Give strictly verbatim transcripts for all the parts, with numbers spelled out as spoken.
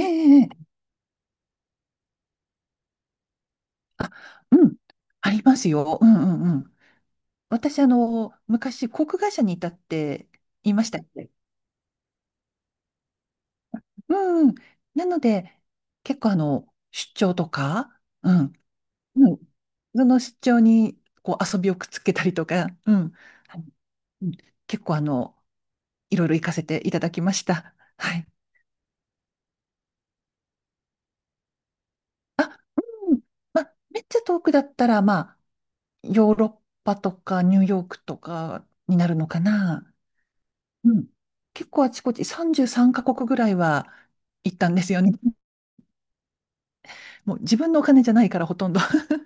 ええええ、あ、うん、ありますよ。うんうんうん。私、あの、昔、航空会社にいたって言いましたっけ？うんうん。なので、結構、あの、出張とか、うん、うん。その出張に、こう、遊びをくっつけたりとか、うん。はい。うん。結構、あの、いろいろ行かせていただきました。はい。あ、うん。まあ、めっちゃ遠くだったら、まあ、ヨーロッパとか、ニューヨークとかになるのかな。うん。結構あちこちさんじゅうさんかこくカ国ぐらいは行ったんですよね。もう自分のお金じゃないからほとんど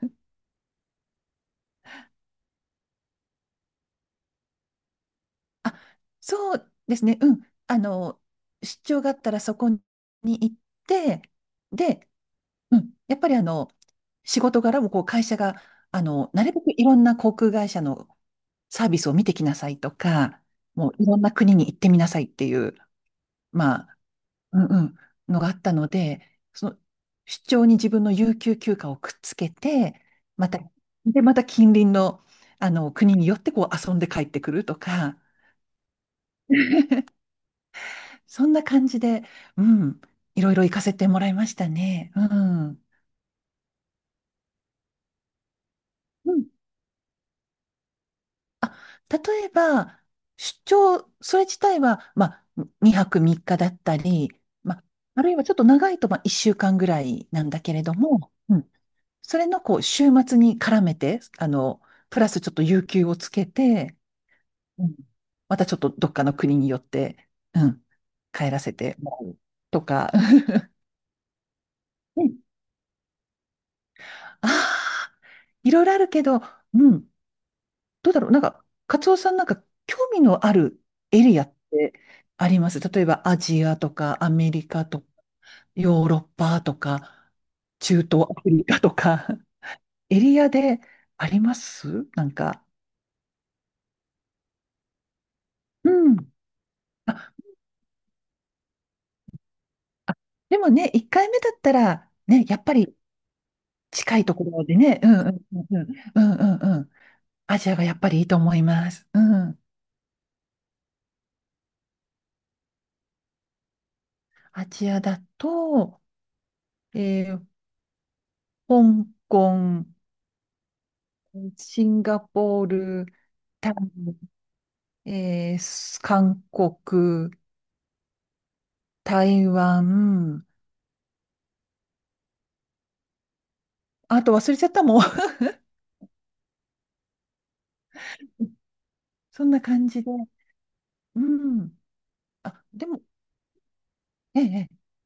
あ、そうですね。うん。あの、出張があったらそこに行って、で、うん。やっぱりあの、仕事柄もこう会社が、あの、なるべくいろんな航空会社のサービスを見てきなさいとか、もういろんな国に行ってみなさいっていう、まあ、うんうん、のがあったので、その出張に自分の有給休暇をくっつけて、また、で、また近隣の、あの国によってこう遊んで帰ってくるとか、そんな感じで、うん、いろいろ行かせてもらいましたね。うん。うん。あ、例えば、出張、それ自体は、まあ、にはくみっかだったり、まあ、あるいはちょっと長いと、まあ、いっしゅうかんぐらいなんだけれども、うん。それのこう週末に絡めて、あの、プラスちょっと有給をつけて、うん。またちょっとどっかの国によって、うん、帰らせてもらうとか、うん。ああ、いろいろあるけど、うん、どうだろう、なんか、カツオさんなんか興味のあるエリアってあります例えばアジアとかアメリカとかヨーロッパとか中東アフリカとか、エリアでありますなんか？うん。ああ、でもね、いっかいめだったら、ね、やっぱり近いところでね、うんうんうんうん、うんうんうん、アジアがやっぱりいいと思います。うん。アジアだと、えー香港、シンガポール、タイ、えーす韓国、台湾、あと忘れちゃったもん。そんな感じで。うん。あ、でも、ええ、ええ、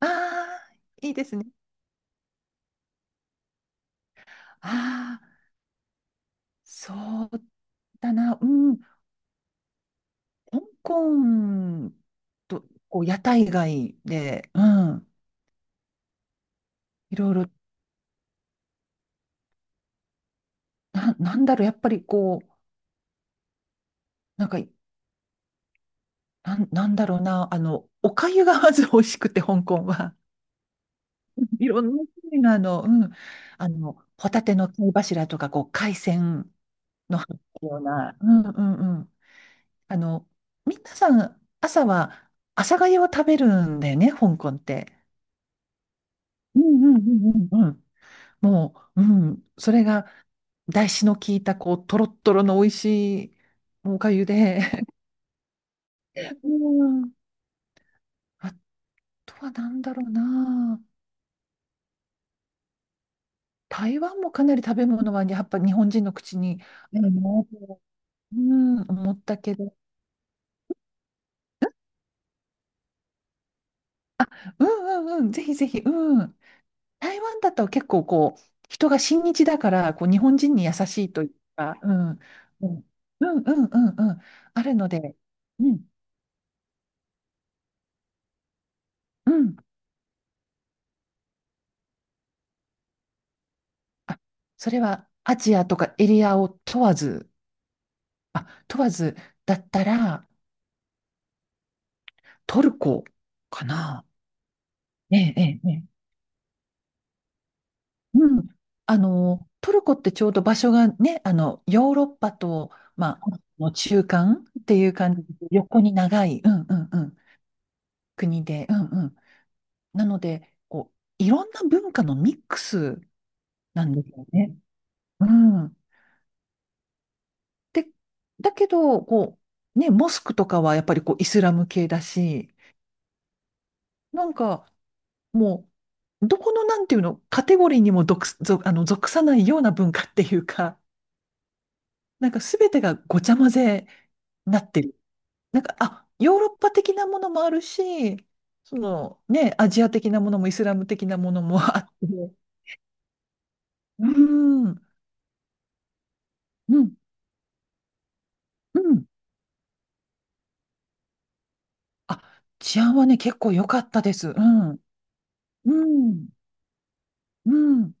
ああ、いいですね。ああ、そうだな。うん。香港と、こう、屋台街で、うん、いろいろ、な、なんだろう、やっぱりこう、なんか、なん、なんだろうな、あの、お粥がまず美味しくて、香港は。いろんな種類の、あの、うん、あの、ホタテの貝柱とか、こう、海鮮の入ったような、うんうんうん。あの、皆さん、朝は、朝粥を食べるんだよね、香港って。うんうんうんうんうん。もう、うん、それが、だしの効いた、こう、とろっとろの美味しいおかゆで、うん。あとは何だろうな。台湾もかなり食べ物は、やっぱ日本人の口にう、うん、思ったけど、うんうんうん、ぜひぜひ、うん。台湾だと結構こう、人が親日だから、こう、日本人に優しいというか、うん。うんうんうんうんうん。あるので、うん。うん。あ、それはアジアとかエリアを問わず、あ、問わずだったらトルコかな。ええ、ええ、ええ、うん。あの、トルコってちょうど場所がね、あの、ヨーロッパと、まあ、の中間っていう感じで、横に長い、うんうんうん、国で、うんうん。なので、こう、いろんな文化のミックスなんですよね。うん。で、だけど、こう、ね、モスクとかはやっぱりこうイスラム系だし、なんか、もう、どこのなんていうの、カテゴリーにも属す、属あの、属さないような文化っていうか、なんかすべてがごちゃ混ぜになってる。なんか、あ、ヨーロッパ的なものもあるし、そのね、アジア的なものもイスラム的なものもあって、うん、うん、うん。あ、治安はね、結構良かったです。うん、うん、うん。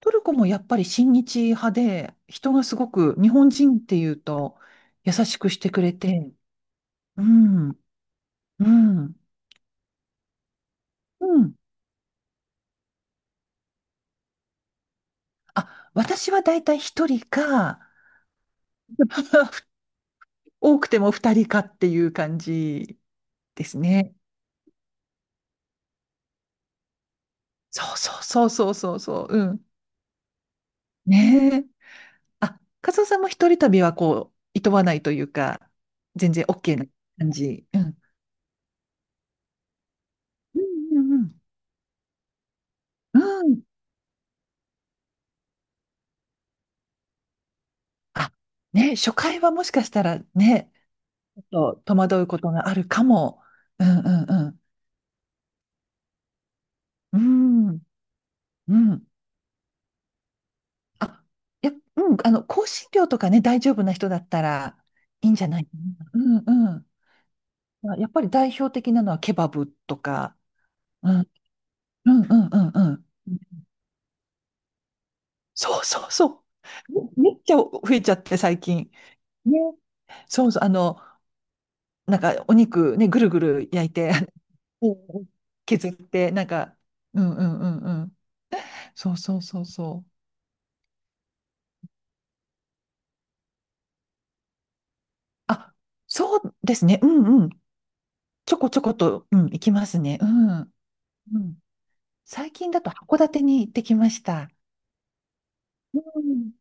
トルコもやっぱり親日派で、人がすごく日本人っていうと優しくしてくれて、うん。うん。うん。あ、私はだいたい一人か、多くてもふたりかっていう感じですね。そうそうそうそうそうそう。うん。ねえ。あ、カズオさんも一人旅はこう、いとわないというか、全然 OK な感じ。うん。うんうんうん。うん。あ、ね、初回はもしかしたらね、ちょっと戸惑うことがあるかも。うんうんうん。うん。うん。あ、いや、うん、あの、香辛料とかね、大丈夫な人だったらいいんじゃないかな。うんうん。まあやっぱり代表的なのはケバブとか、うん、うんうんうんうん。そうそうそう。めめっちゃ増えちゃって最近。ね。そうそう。あの、なんかお肉ね、ぐるぐる焼いて、うん、削って、なんか、うんうんうんうん。そうそうそうそう。あ、そうですね。うんうん。ちょこちょこと、うん、いきますね。うん。うん。最近だと函館に行ってきました。うん。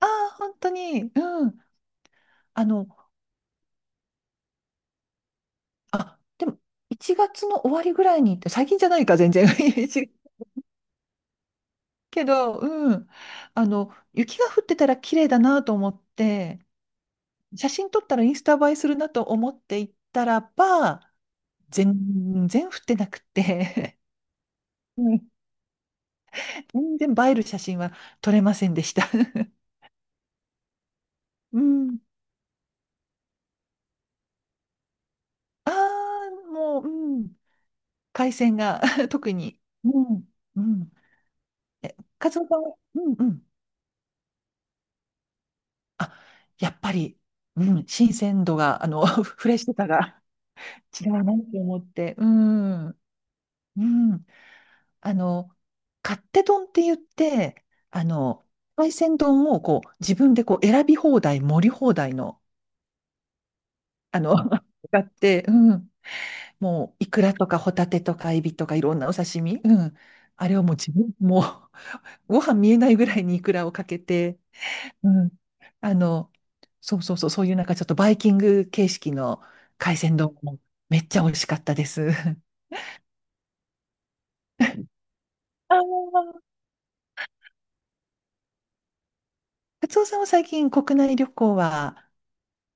ああ、本当に。うん。あの、あ、でも、いちがつの終わりぐらいに行って、最近じゃないか、全然。いちけど、うん。あの、雪が降ってたら綺麗だなと思って、写真撮ったらインスタ映えするなと思って行ったらば、全然降ってなくて、うん。全然映える写真は撮れませんでした。うん。ああ、もう、うん。海鮮が 特に。うん、うん。え、カツオさんは、うんうん。あ、やっぱり、うん、新鮮度が、あの、フレッシュさが 違うなって思って、うん、うん。あの、勝手丼って言って、あの、海鮮丼をこう、自分でこう、選び放題、盛り放題の、あの、があって、うん。もう、イクラとかホタテとかエビとかいろんなお刺身、うん。あれをもう自分、もう、ご飯見えないぐらいにイクラをかけて、うん。あの、そうそうそう、そういうなんかちょっとバイキング形式の海鮮丼もめっちゃ美味しかったです。あー、カツオさんは最近国内旅行は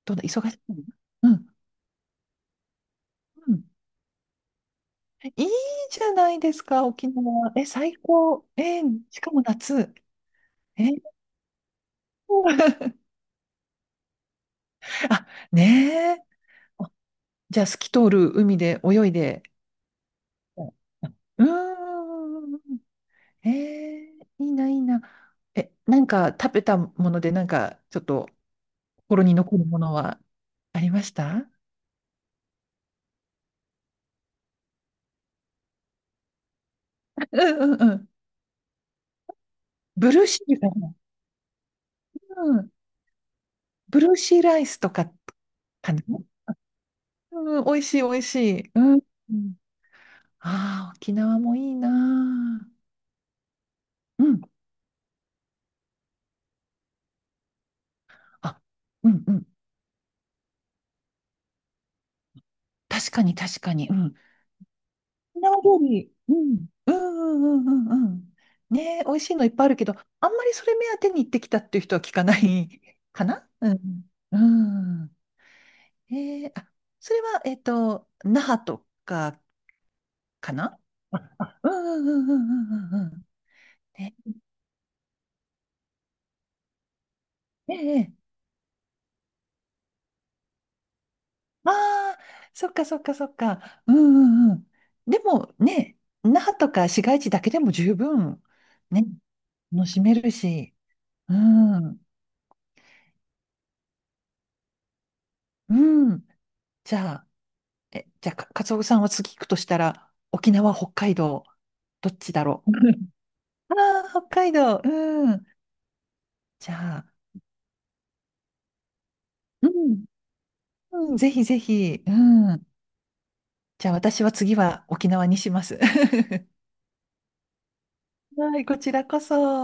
どんな、忙しいの？うん。うん。いいじゃないですか、沖縄。え、最高。えー、しかも夏。えー あ、ねえ。じゃあ、透き通る海で泳いで。うん。うーん、えー、いいな、いいな。え、なんか食べたもので、なんかちょっと心に残るものはありました？うんうんうん。ブルーシールかな？うん。ブルーシーライスとかかな？うん、美味しい美味しい。うん。うん。あー、沖縄もいいなー、うん。あ、うんうん。確かに確かに。うん。沖縄料理。うん。うんうんうんうんうん。ねえ、美味しいのいっぱいあるけど、あんまりそれ目当てに行ってきたっていう人は聞かないかな、うん。うん。えー、あ、それは、えっと、那覇とかかな？あ うんうんうんうんうんうんうん。ね、ええ、ええ、ああー、そっかそっかそっか。うんうんうん。でもね、那覇とか市街地だけでも十分、ね、楽しめるし。うん、うん。じゃあ、え、じゃあ、かカツオさんは次行くとしたら、沖縄、北海道、どっちだろう。ああ、北海道、うん。じゃあ、うん、うん、ぜひぜひ、うん。じゃあ私は次は沖縄にします。はい、こちらこそ。